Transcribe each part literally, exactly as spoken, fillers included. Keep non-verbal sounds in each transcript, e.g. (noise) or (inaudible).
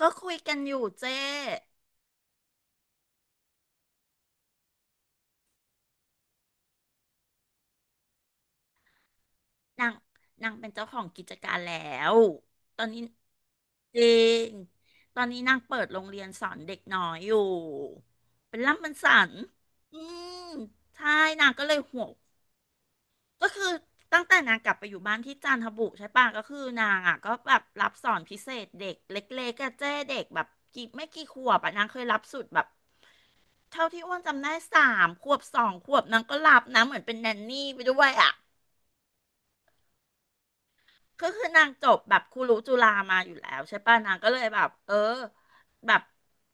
ก็คุยกันอยู่เจ้นางนางเป็นเจ้าของกิจการแล้วตอนนี้จริงตอนนี้นางเปิดโรงเรียนสอนเด็กน้อยอยู่เป็นล่ำเป็นสันอืมใช่นางก็เลยห่วงก็คือตั้งแต่นางกลับไปอยู่บ้านที่จันทบุรีใช่ปะก็คือนางอ่ะก็แบบรับสอนพิเศษเด็กเล็กๆอะเจ้เด็กแบบกี่ไม่กี่ขวบอ่ะนางเคยรับสุดแบบเท่าที่อ้วนจำได้สามขวบสองขวบนางก็รับนะเหมือนเป็นแนนนี่ไปด้วยอ่ะ ก็คือนางจบแบบครูรู้จุฬามาอยู่แล้วใช่ป่ะนางก็เลยแบบเออแบบ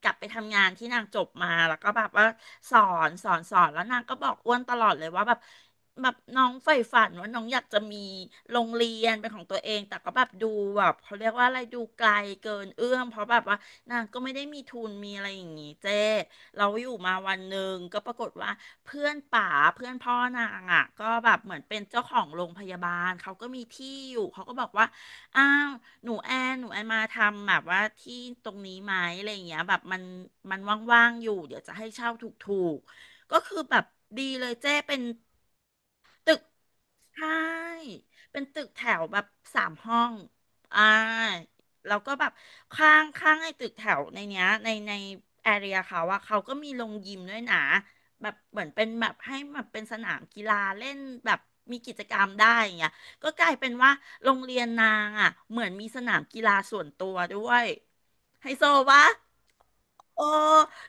กลับไปทำงานที่นางจบมาแล้วก็แบบว่าสอนสอนสอนแล้วนางก็บอกอ้วนตลอดเลยว่าแบบแบบน้องใฝ่ฝันว่าน้องอยากจะมีโรงเรียนเป็นของตัวเองแต่ก็แบบดูแบบเขาเรียกว่าอะไรดูไกลเกินเอื้อมเพราะแบบว่านางก็ไม่ได้มีทุนมีอะไรอย่างงี้เจ้ เราอยู่มาวันหนึ่งก็ปรากฏว่าเพื่อนป๋าเพื่อนพ่อนางอ่ะก็แบบเหมือนเป็นเจ้าของโรงพยาบาลเขาก็มีที่อยู่เขาก็บอกว่าอ้าวหนูแอนหนูแอนมาทำแบบว่าที่ตรงนี้ไหมอะไรอย่างเงี้ยแบบมันมันว่างๆอยู่เดี๋ยวจะให้เช่าถูกๆก็คือแบบดีเลยเจ้เป็น ตึกใช่เป็นตึกแถวแบบสามห้องอ่าแล้วก็แบบข้างข้างไอ้ตึกแถวในเนี้ยในในแอเรียเขาอะเขาก็มีโรงยิมด้วยนะแบบเหมือนเป็นแบบให้แบบเป็นสนามกีฬาเล่นแบบมีกิจกรรมได้อย่างเงี้ยก็กลายเป็นว่าโรงเรียนนางอะเหมือนมีสนามกีฬาส่วนตัวด้วยไฮโซวะโอ้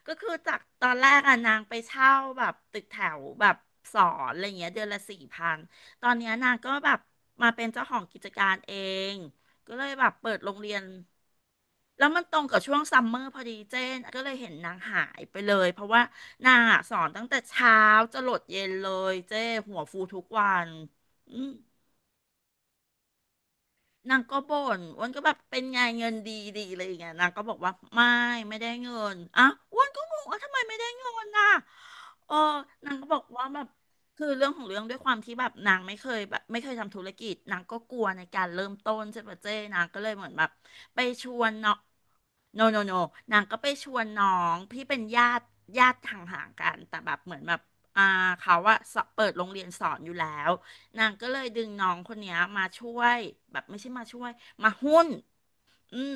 ก็คือจากตอนแรกอะนางไปเช่าแบบตึกแถวแบบสอนอะไรเงี้ยเดือนละสี่พันตอนเนี้ยนางก็แบบมาเป็นเจ้าของกิจการเองก็เลยแบบเปิดโรงเรียนแล้วมันตรงกับช่วงซัมเมอร์พอดีเจนก็เลยเห็นนางหายไปเลยเพราะว่านางอะสอนตั้งแต่เช้าจะหลดเย็นเลยเจ้หัวฟูทุกวันอืม นางก็บ่นอ้วนก็แบบเป็นไงเงินดีดีอะไรอย่างเงี้ยนางก็บอกว่าไม่ไม่ได้เงินอ่ะอ้วนก็งงว่าทำไมไม่ได้เงินน่ะเออนางก็บอกว่าแบบคือเรื่องของเรื่องด้วยความที่แบบนางไม่เคยแบบไม่เคยทำธุรกิจนางก็กลัวในการเริ่มต้นใช่ปะเจ้นางก็เลยเหมือนแบบไปชวนเนาะโนโนโนนางก็ไปชวนน้องที่เป็นญาติญาติห่างๆกันแต่แบบเหมือนแบบอ่าเขาอะสอบเปิดโรงเรียนสอนอยู่แล้ว นางก็เลยดึงน้องคนเนี้ยมาช่วยแบบไม่ใช่มาช่วยมาหุ้นอืม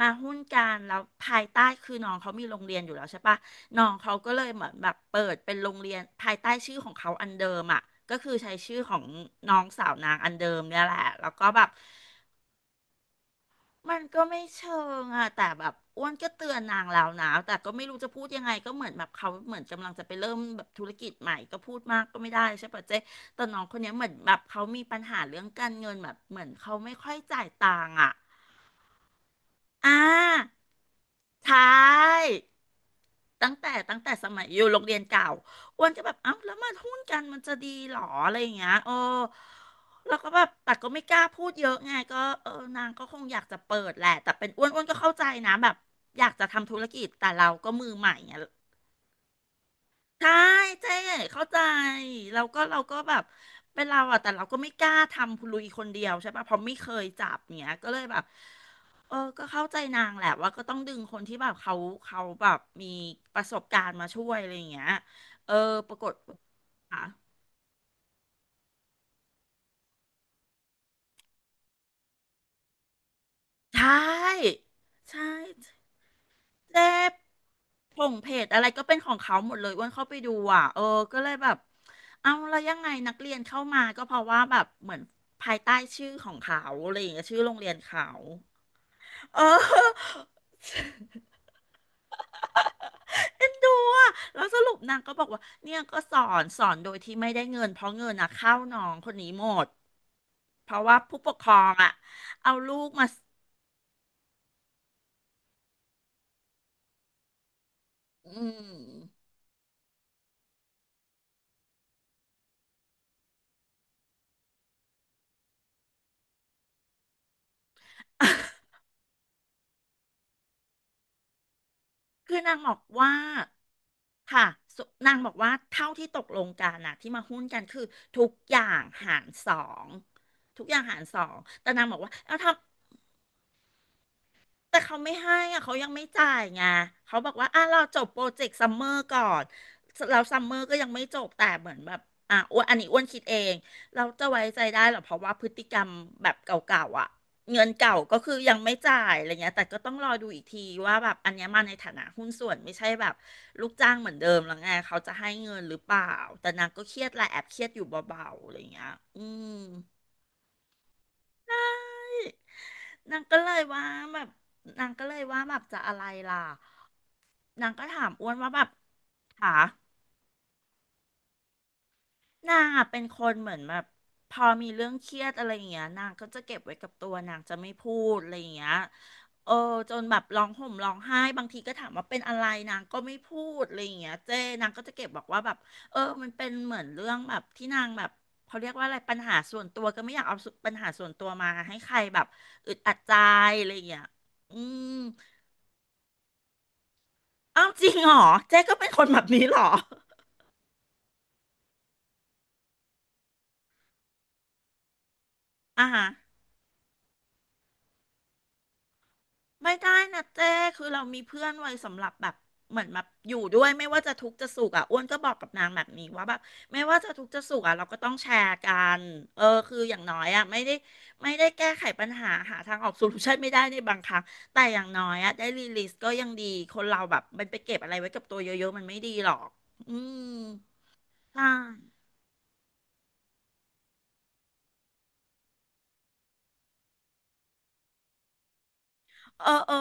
มาหุ้นกันแล้วภายใต้คือน้องเขามีโรงเรียนอยู่แล้วใช่ปะน้องเขาก็เลยเหมือนแบบเปิดเป็นโรงเรียนภายใต้ชื่อของเขาอันเดิมอ่ะก็คือใช้ชื่อของน้องสาวนางอันเดิมเนี่ยแหละแล้วก็แบบ มันก็ไม่เชิงอะแต่แบบอ้วนก็เตือนนางแล้วนะแต่ก็ไม่รู้จะพูดยังไงก็เหมือนแบบเขาเหมือนกำลังจะไปเริ่มแบบธุรกิจใหม่ก็พูดมากก็ไม่ได้ใช่ปะเจ๊แต่น้องคนเนี้ยเหมือนแบบเขามีปัญหาเรื่องการเงินแบบเหมือนเขาไม่ค่อยจ่ายตังค์อะอ่าใช่ ตั้งแต่ตั้งแต่สมัยอยู่โรงเรียนเก่าอ้วนก็แบบเอ้าแล้วมาหุ้นกันมันจะดีหรออะไรอย่างเงี้ยเออแล้วก็แบบแต่ก็ไม่กล้าพูดเยอะไงก็เออนางก็คงอยากจะเปิดแหละแต่เป็นอ้วนอ้วนก็เข้าใจนะแบบอยากจะทำธุรกิจแต่เราก็มือใหม่ไง ใช่เจ๊เข้าใจเราก็เราก็แบบเป็นเราอะแต่เราก็ไม่กล้าทำพลุยคนเดียวใช่ปะ เพราะไม่เคยจับเนี้ยก็เลยแบบเออ ก็เข้าใจนางแหละว่าก็ต้องดึงคนที่แบบเขาเขาแบบมีประสบการณ์มาช่วยอะไรอย่างเงี้ยเออ ปรากฏค่ะใช่ ใช่ เจ๊ผงเพจอะไรก็เป็นของเขาหมดเลยอ้วนเข้าไปดูอ่ะเออ ก็เลยแบบเอาแล้วยังไงนักเรียนเข้ามาก็เพราะว่าแบบเหมือนภายใต้ชื่อของเขาอะไรอย่างเงี้ยชื่อโรงเรียนเขาเออเอ็นดูอ่ะแล้วสรุปนางก็บอกว่าเนี่ยก็สอนสอนโดยที่ไม่ได้เงินเพราะเงินนะเข้าน้องคนนี้หมดเพราะว่าผู้ปกครองอ่ะเอาลูกมาอืม คือนางบอกว่าค่ะสุนางบอกว่าเท่าที่ตกลงกันนะที่มาหุ้นกันคือทุกอย่างหารสองทุกอย่างหารสองแต่นางบอกว่าเอาทำ แต่เขาไม่ให้อะเขายังไม่จ่ายไงเขาบอกว่าอ่ะเราจบโปรเจกต์ซัมเมอร์ก่อนเราซัมเมอร์ก็ยังไม่จบแต่เหมือนแบบอ่ะอ้วนอันนี้อ้วนคิดเองเราจะไว้ใจได้เหรอเพราะว่าพฤติกรรมแบบเก่าๆอ่ะเงินเก่าก็คือยังไม่จ่ายอะไรเงี้ยแต่ก็ต้องรอดูอีกทีว่าแบบอันเนี้ยมาในฐานะหุ้นส่วนไม่ใช่แบบลูกจ้างเหมือนเดิมแล้วไงเขาจะให้เงินหรือเปล่าแต่นางก็เครียดแหละแอบเครียดอยู่เบาๆอะไรเงี้ยอืมนางก็เลยว่าแบบนางก็เลยว่าแบบจะอะไรล่ะ นางก็ถามอ้วนว่าแบบหานางอะเป็นคนเหมือนแบบพอมีเรื่องเครียดอะไรอย่างเงี้ยนางก็จะเก็บไว้กับตัวนางจะไม่พูดอะไรอย่างเงี้ยเออจนแบบร้องห่มร้องไห้บางทีก็ถามว่าเป็นอะไรนางก็ไม่พูดอะไรอย่างเงี้ยเจ้นางก็จะเก็บบอกว่าแบบเออมันเป็นเหมือนเรื่องแบบที่นางแบบเขาเรียกว่าอะไรปัญหาส่วนตัวก็ไม่อยากเอาสุปัญหาส่วนตัวมาให้ใครแบบอึดอัดใจอะไรอย่างเงี้ยอืมอ้าวจริงเหรอเจ๊ก็เป็นคนแบบนี้เหรออ่าฮะ ไม่ได้นะเจ้คือเรามีเพื่อนไว้สำหรับแบบเหมือนแบบอยู่ด้วยไม่ว่าจะทุกข์จะสุขอ่ะอ้วนก็บอกกับนางแบบนี้ว่าแบบไม่ว่าจะทุกข์จะสุขอ่ะเราก็ต้องแชร์กันเออคืออย่างน้อยอ่ะไม่ได้ไม่ได้แก้ไขปัญหาหาทางออกโซลูชันไม่ได้ในบางครั้งแต่อย่างน้อยอ่ะได้รีลิสก็ยังดีคนเราแบบมันไปเก็บอะไรไว้กับตัวเยอะๆมันไม่ดีหรอกอืมใช่เออเออ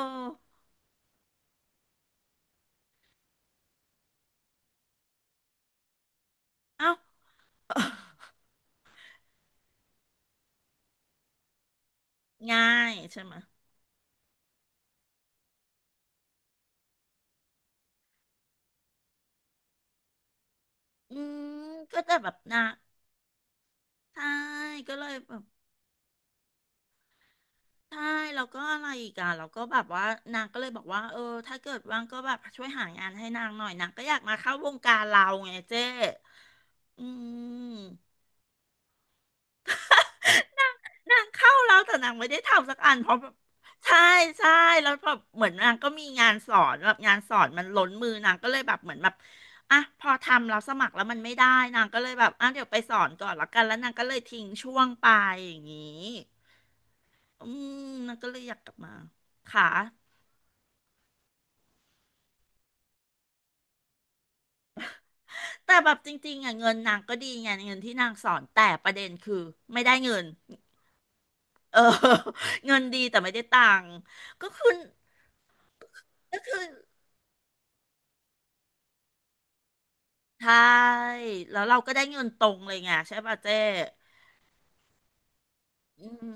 เอ้า (laughs) ง่ายใช่ไหมอืมก็แต่แบบนะใช่ก็เลยแบบ ใช่แล้วก็อะไรอีกอ่ะแล้วก็แบบว่านางก็เลยบอกว่าเออถ้าเกิดว่างก็แบบช่วยหางานให้นางหน่อยนางก็อยากมาเข้าวงการเราไงเจ๊อืมนางเข้าแล้วแต่นางไม่ได้ทำสักอันเพราะแบบใช่ใช่แล้วแบบเหมือนนางก็มีงานสอนแบบงานสอนมันล้นมือนางก็เลยแบบเหมือนแบบอ่ะพอทำเราสมัครแล้วมันไม่ได้นางก็เลยแบบอ่ะเดี๋ยวไปสอนก่อนแล้วกันแล้วนางก็เลยทิ้งช่วงไปอย่างนี้อืมนางก็เลยอยากกลับมาค่ะ แต่แบบจริงๆอ่ะเงินนางก็ดีไงเงินที่นางสอนแต่ประเด็นคือไม่ได้เงินเออ (laughs) เงินดีแต่ไม่ได้ตังค์ก็คือก็คือใช่แล้วเราก็ได้เงินตรงเลยไงใช่ป่ะเจ๊อืม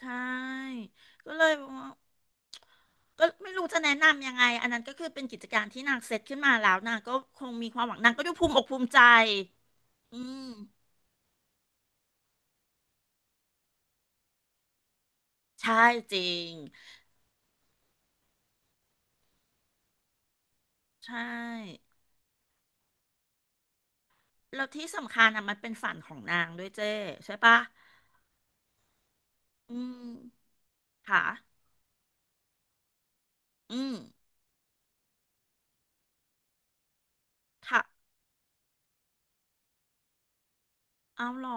ใช่ก็เลยบอกว่าก็ไม่รู้จะแนะนำยังไงอันนั้นก็คือเป็นกิจการที่นางเซตขึ้นมาแล้วนางก็คงมีความหวังนางก็ดูภูมิอกภูมิใจอืมใช่จริงใช่แล้วที่สำคัญอ่ะมันเป็นฝันของนางด้วยเจ้ใช่ปะ อืมค่ะอืมค่ะเอาเหรอ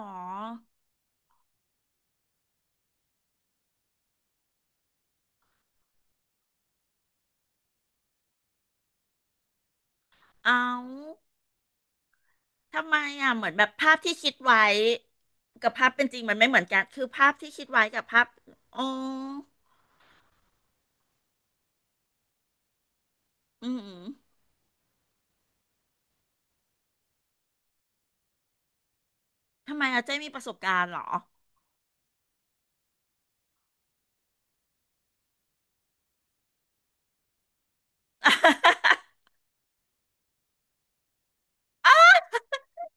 เอาทำไมอ่ะเหมือนแบบภาพที่คิดไว้กับภาพเป็นจริงมันไม่เหมือนกันคือภาพที่คิดไว้กับภาพอ๋ออืมทำไมอาเจ้มีประสบการณ์เหรอ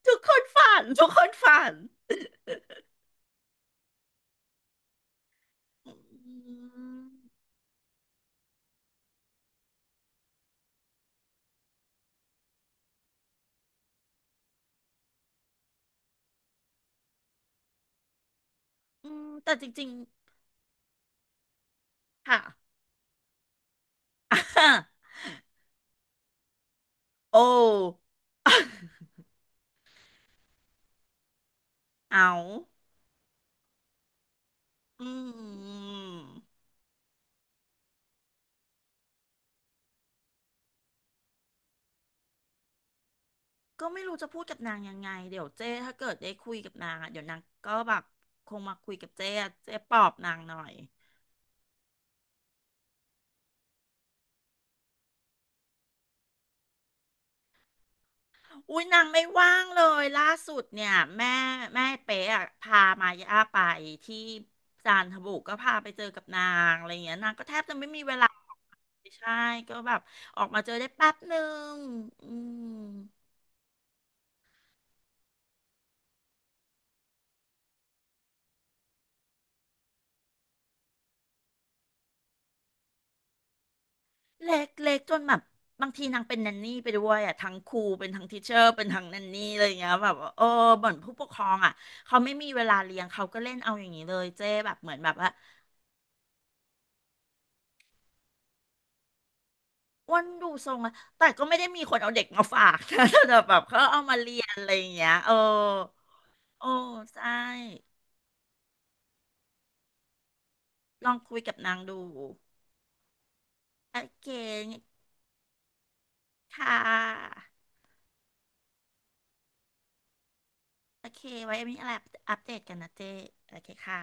ทุกคนฝันทุกคนฝันอืมอืมแต่จริงๆค่ะ (laughs) โอ้ (laughs) เอาอืม ก็ไม่รู้จะพูดกับนางยังไงเดี๋ยวเจ้ถ้าเกิดได้คุยกับนางอ่ะเดี๋ยวนางก็แบบคงมาคุยกับเจ้อะเจ้ปลอบนางหน่อยอุ้ยนางไม่ว่างเลยล่าสุดเนี่ยแม่แม่เป๊ะอะพามาย่าไปที่จันทบุรีก็พาไปเจอกับนางอะไรอย่างเงี้ยนางก็แทบจะไม่มีเวลาใช่ก็แบบออกมาเจอได้แป๊บหนึ่งอืม เล็กเล็กจนแบบบางทีนางเป็นแนนนี่ไปด้วยอ่ะทั้งครูเป็นทั้งทิเชอร์เป็นทั้งแนนนี่อะไรอย่างเงี้ยแบบว่าเออบ่นผู้ปกครองอ่ะเขาไม่มีเวลาเลี้ยงเขาก็เล่นเอาอย่างนี้เลยเจ๊แบบเหมือนแบบว่าอ้วนดูทรงอะแต่ก็ไม่ได้มีคนเอาเด็กมาฝากนะแต่แบบเขาเอามาเรียนอะไรอย่างเงี้ยเออโอ้ใช่ลองคุยกับนางดูโอเคค่ะโอเคไว้มีอะไรอัปเดตกันนะเจ๊โอเคค่ะ